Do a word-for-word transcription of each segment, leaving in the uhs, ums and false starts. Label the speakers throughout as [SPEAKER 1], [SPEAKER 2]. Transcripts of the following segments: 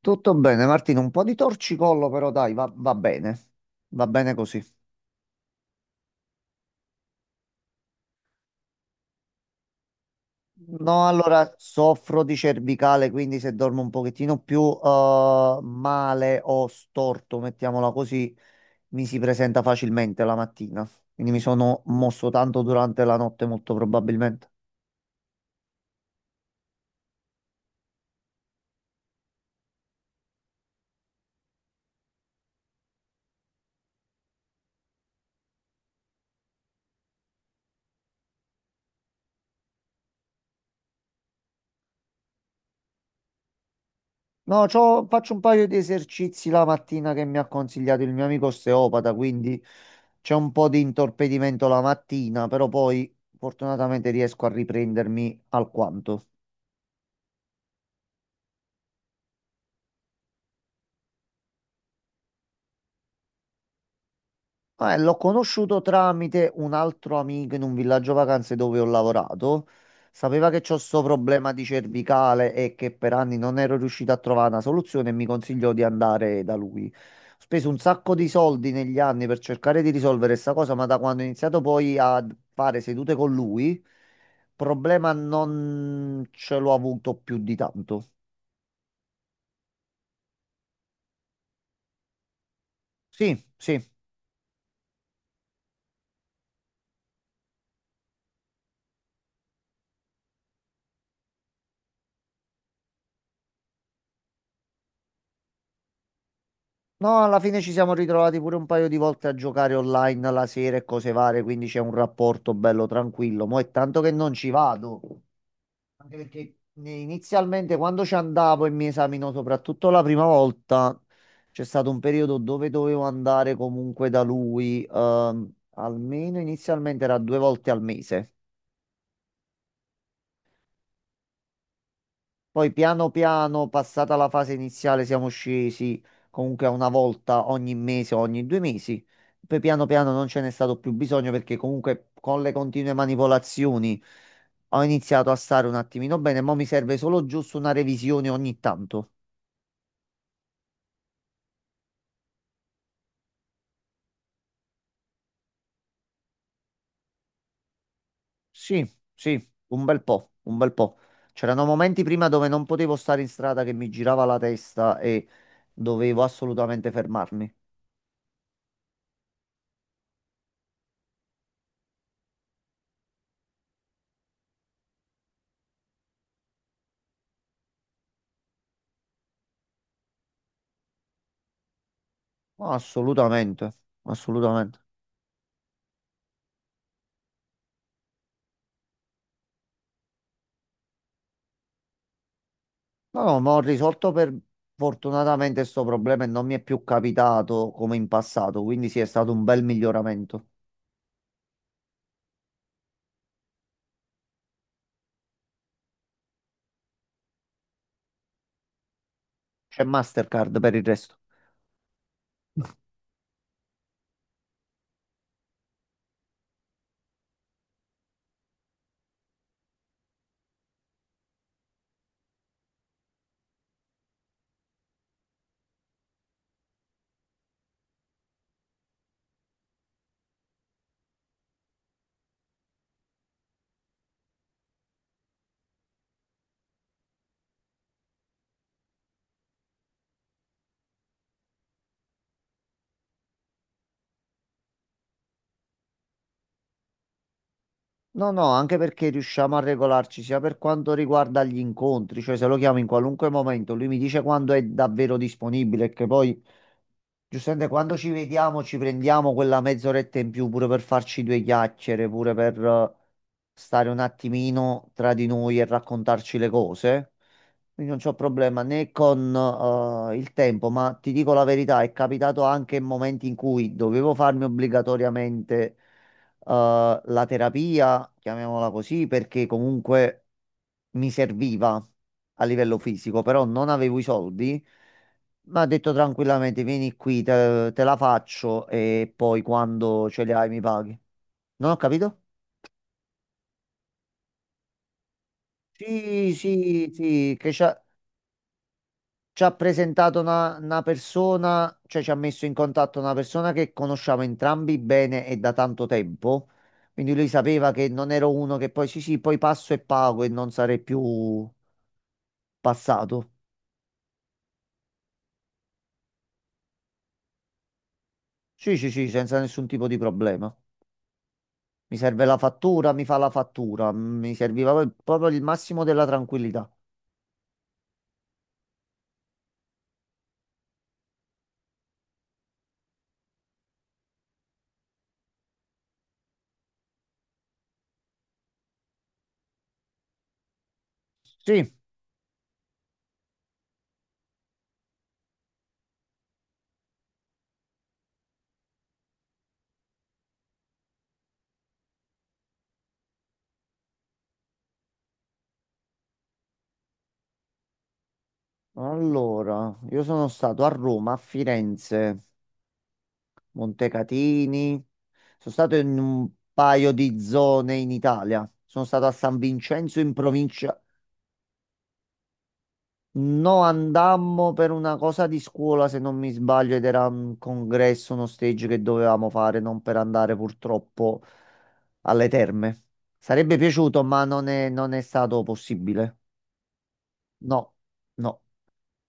[SPEAKER 1] Tutto bene, Martino, un po' di torcicollo però dai, va, va bene, va bene così. No, allora soffro di cervicale, quindi se dormo un pochettino più eh, male o storto, mettiamola così, mi si presenta facilmente la mattina. Quindi mi sono mosso tanto durante la notte, molto probabilmente. No, c'ho- faccio un paio di esercizi la mattina che mi ha consigliato il mio amico osteopata, quindi c'è un po' di intorpidimento la mattina, però poi fortunatamente riesco a riprendermi alquanto. Eh, l'ho conosciuto tramite un altro amico in un villaggio vacanze dove ho lavorato. Sapeva che c'ho sto problema di cervicale e che per anni non ero riuscito a trovare una soluzione e mi consigliò di andare da lui. Ho speso un sacco di soldi negli anni per cercare di risolvere questa cosa, ma da quando ho iniziato poi a fare sedute con lui, problema non ce l'ho avuto più di tanto. Sì, sì. No, alla fine ci siamo ritrovati pure un paio di volte a giocare online la sera e cose varie, quindi c'è un rapporto bello tranquillo. Mo' è tanto che non ci vado, anche perché ne- inizialmente quando ci andavo e mi esaminò soprattutto la prima volta, c'è stato un periodo dove dovevo andare comunque da lui, ehm, almeno inizialmente era due volte al mese. Poi piano piano, passata la fase iniziale, siamo scesi comunque a una volta ogni mese o ogni due mesi. Poi piano piano non ce n'è stato più bisogno perché comunque con le continue manipolazioni ho iniziato a stare un attimino bene, ma mi serve solo giusto una revisione ogni tanto. Sì, sì, un bel po', un bel po'. C'erano momenti prima dove non potevo stare in strada che mi girava la testa e dovevo assolutamente fermarmi. Assolutamente, assolutamente. No, no, ma ho risolto per fortunatamente questo problema e non mi è più capitato come in passato, quindi sì, è stato un bel miglioramento. C'è Mastercard per il resto. No, no, anche perché riusciamo a regolarci sia per quanto riguarda gli incontri, cioè se lo chiamo in qualunque momento, lui mi dice quando è davvero disponibile, che poi Giuseppe, quando ci vediamo ci prendiamo quella mezz'oretta in più pure per farci due chiacchiere, pure per eh, stare un attimino tra di noi e raccontarci le cose. Quindi non c'ho problema né con eh, il tempo, ma ti dico la verità, è capitato anche in momenti in cui dovevo farmi obbligatoriamente eh, la terapia, chiamiamola così, perché comunque mi serviva a livello fisico, però non avevo i soldi. Mi ha detto tranquillamente, vieni qui, te, te la faccio e poi quando ce li hai mi paghi. Non ho capito? Sì, sì, sì, che c'ha... ci ha presentato una, una persona, cioè ci ha messo in contatto una persona che conosciamo entrambi bene e da tanto tempo. Quindi lui sapeva che non ero uno che poi sì, sì, poi passo e pago e non sarei più passato. Sì, sì, sì, senza nessun tipo di problema. Mi serve la fattura, mi fa la fattura. Mi serviva poi- proprio il massimo della tranquillità. Sì, allora, io sono stato a Roma, a Firenze. Montecatini. Sono stato in un paio di zone in Italia. Sono stato a San Vincenzo in provincia. No, andammo per una cosa di scuola, se non mi sbaglio, ed era un congresso, uno stage che dovevamo fare, non per andare purtroppo alle terme. Sarebbe piaciuto, ma non è, non è stato possibile. No, no.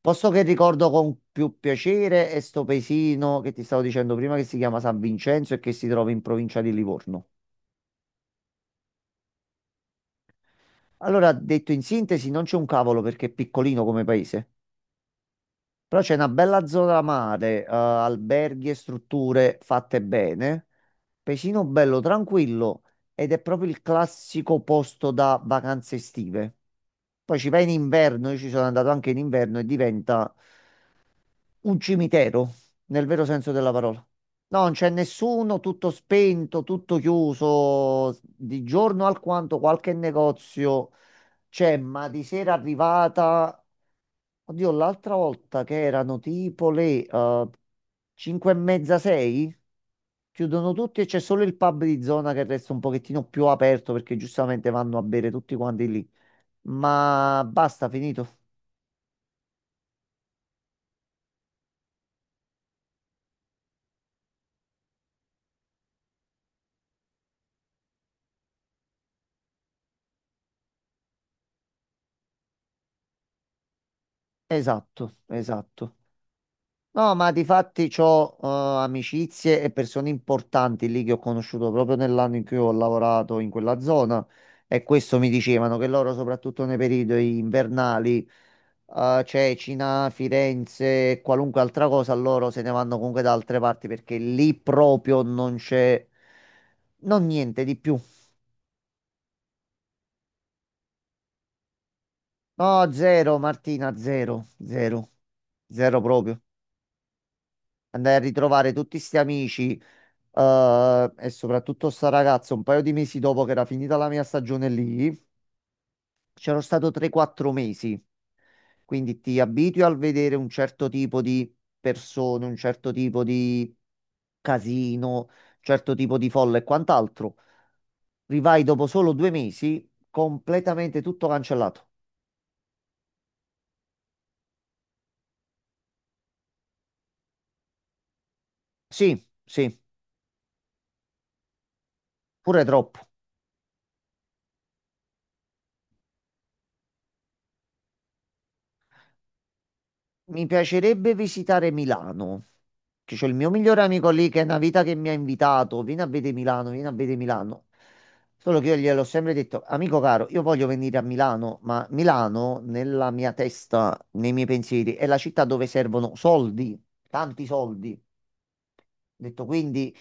[SPEAKER 1] Posto che ricordo con più piacere è sto paesino che ti stavo dicendo prima che si chiama San Vincenzo e che si trova in provincia di Livorno. Allora, detto in sintesi, non c'è un cavolo perché è piccolino come paese, però c'è una bella zona mare, eh, alberghi e strutture fatte bene, paesino bello, tranquillo ed è proprio il classico posto da vacanze estive. Poi ci vai in inverno, io ci sono andato anche in inverno e diventa un cimitero, nel vero senso della parola. No, non c'è nessuno, tutto spento, tutto chiuso, di giorno alquanto qualche negozio. Cioè, ma di sera arrivata, oddio, l'altra volta che erano tipo le cinque e mezza, sei, chiudono tutti e c'è solo il pub di zona che resta un pochettino più aperto perché giustamente vanno a bere tutti quanti lì. Ma basta, finito. Esatto, esatto. No, ma di fatti ho amicizie e persone importanti lì che ho conosciuto proprio nell'anno in cui ho lavorato in quella zona e questo mi dicevano che loro, soprattutto nei periodi invernali, eh, Cecina, Firenze, e qualunque altra cosa, loro se ne vanno comunque da altre parti perché lì proprio non c'è, non niente di più. No, zero, Martina, zero, zero, zero proprio. Andai a ritrovare tutti sti amici. Eh, e soprattutto sta ragazza, un paio di mesi dopo che era finita la mia stagione lì, c'ero stato tre quattro mesi. Quindi ti abitui al vedere un certo tipo di persone, un certo tipo di casino, un certo tipo di folla e quant'altro. Rivai dopo solo due mesi, completamente tutto cancellato. Sì, sì, pure troppo. Mi piacerebbe visitare Milano, che c'ho il mio migliore amico lì che è una vita che mi ha invitato, vieni a vedere Milano, vieni a vedere Milano. Solo che io gliel'ho sempre detto, amico caro, io voglio venire a Milano, ma Milano nella mia testa, nei miei pensieri, è la città dove servono soldi, tanti soldi. Ho Detto quindi,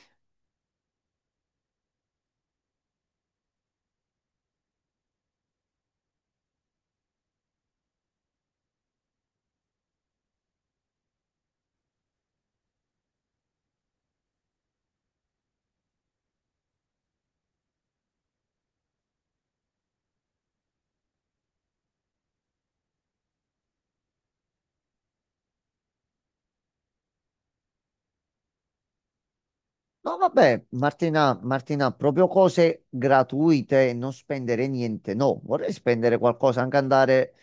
[SPEAKER 1] no vabbè, Martina, Martina, proprio cose gratuite, non spendere niente, no, vorrei spendere qualcosa, anche andare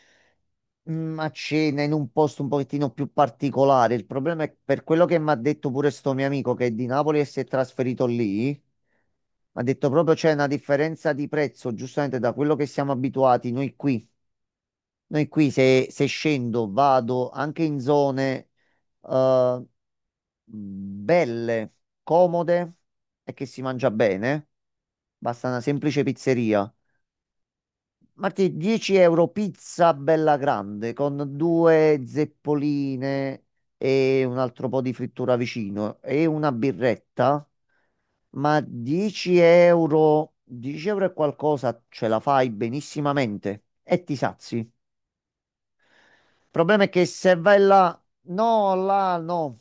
[SPEAKER 1] mm, a cena in un posto un pochettino più particolare. Il problema è per quello che mi ha detto pure sto mio amico che è di Napoli e si è trasferito lì. Mi ha detto proprio c'è una differenza di prezzo, giustamente da quello che siamo abituati noi qui. Noi qui se, se scendo vado anche in zone eh, belle, comode e che si mangia bene. Basta una semplice pizzeria. Marti, dieci euro pizza bella grande con due zeppoline e un altro po' di frittura vicino e una birretta, ma dieci euro, dieci euro e qualcosa ce la fai benissimamente e ti sazi. Il problema è che se vai là, no, là, no,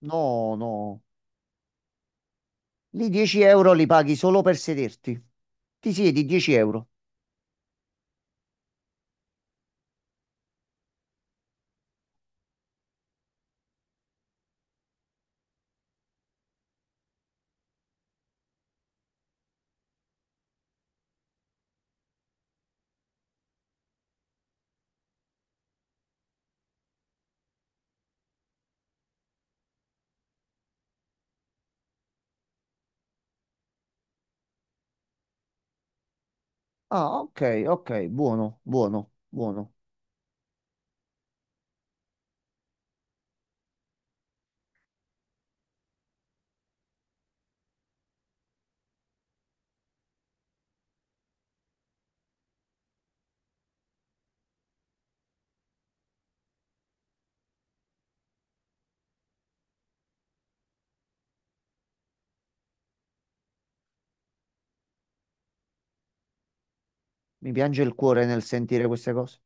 [SPEAKER 1] no, no, lì dieci euro li paghi solo per sederti. Ti siedi dieci euro. Ah, ok, ok, buono, buono, buono. mi piange il cuore nel sentire queste cose.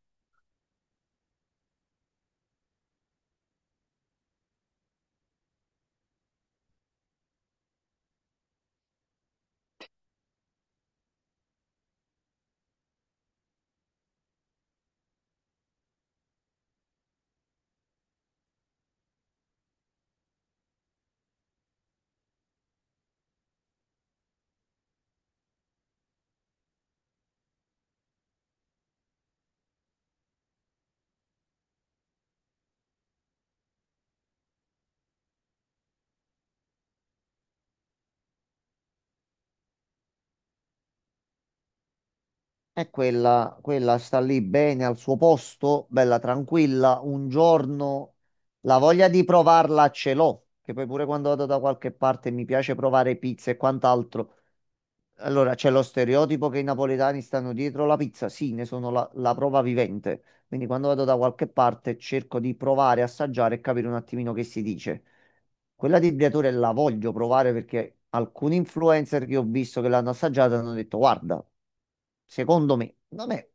[SPEAKER 1] E quella, quella sta lì bene al suo posto, bella tranquilla. Un giorno la voglia di provarla ce l'ho, che poi pure quando vado da qualche parte mi piace provare pizza e quant'altro. Allora, c'è lo stereotipo che i napoletani stanno dietro la pizza, sì, ne sono la, la prova vivente. Quindi quando vado da qualche parte cerco di provare, assaggiare e capire un attimino che si dice. Quella di Briatore la voglio provare perché alcuni influencer che ho visto che l'hanno assaggiata hanno detto, guarda, secondo me non è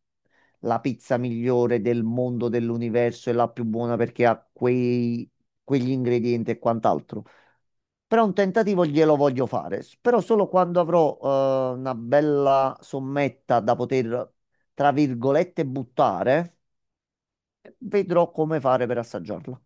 [SPEAKER 1] la pizza migliore del mondo, dell'universo e la più buona perché ha quei, quegli ingredienti e quant'altro. Però un tentativo glielo voglio fare, s- però solo quando avrò eh, una bella sommetta da poter, tra virgolette, buttare, vedrò come fare per assaggiarla.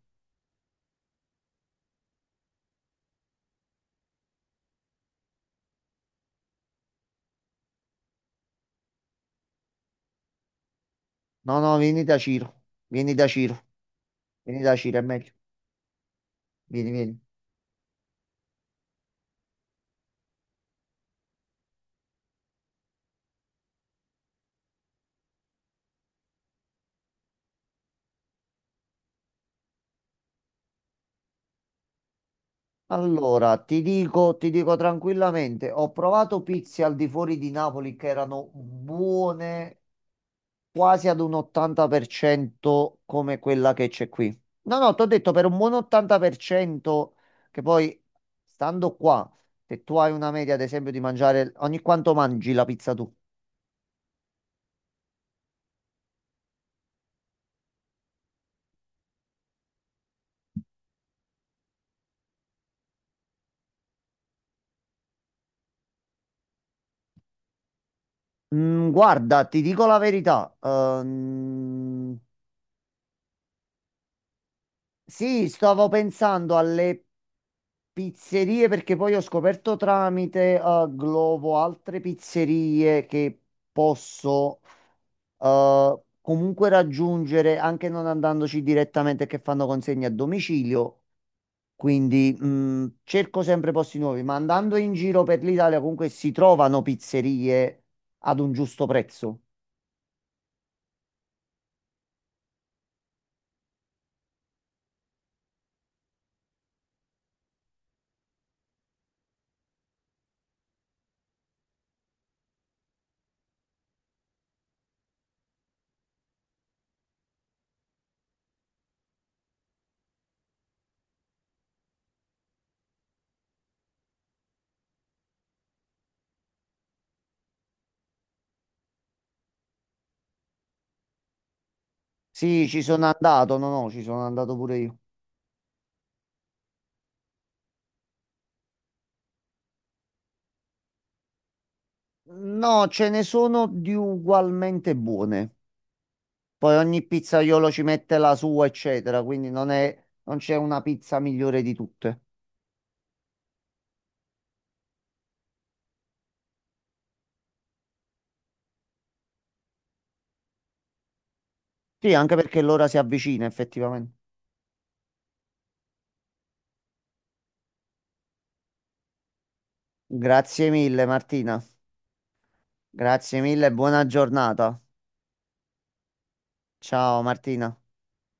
[SPEAKER 1] No, no, vieni da Ciro, vieni da Ciro, vieni da Ciro, è meglio. Vieni, vieni. Allora, ti dico, ti dico tranquillamente, ho provato pizze al di fuori di Napoli che erano buone quasi ad un ottanta per cento come quella che c'è qui. No, no, ti ho detto per un buon ottanta per cento che poi, stando qua, se tu hai una media, ad esempio, di mangiare ogni quanto mangi la pizza tu? Mm, guarda, ti dico la verità. Ehm, sì, stavo pensando alle pizzerie perché poi ho scoperto tramite eh, Glovo altre pizzerie che posso eh, comunque raggiungere anche non andandoci direttamente che fanno consegne a domicilio. Quindi mh, cerco sempre posti nuovi, ma andando in giro per l'Italia comunque si trovano pizzerie ad un giusto prezzo. Sì, ci sono andato, no, no, ci sono andato pure io. No, ce ne sono di ugualmente buone. Poi ogni pizzaiolo ci mette la sua, eccetera, quindi non è, non c'è una pizza migliore di tutte. Sì, anche perché l'ora si avvicina effettivamente. Grazie mille Martina, grazie mille e buona giornata. Ciao Martina.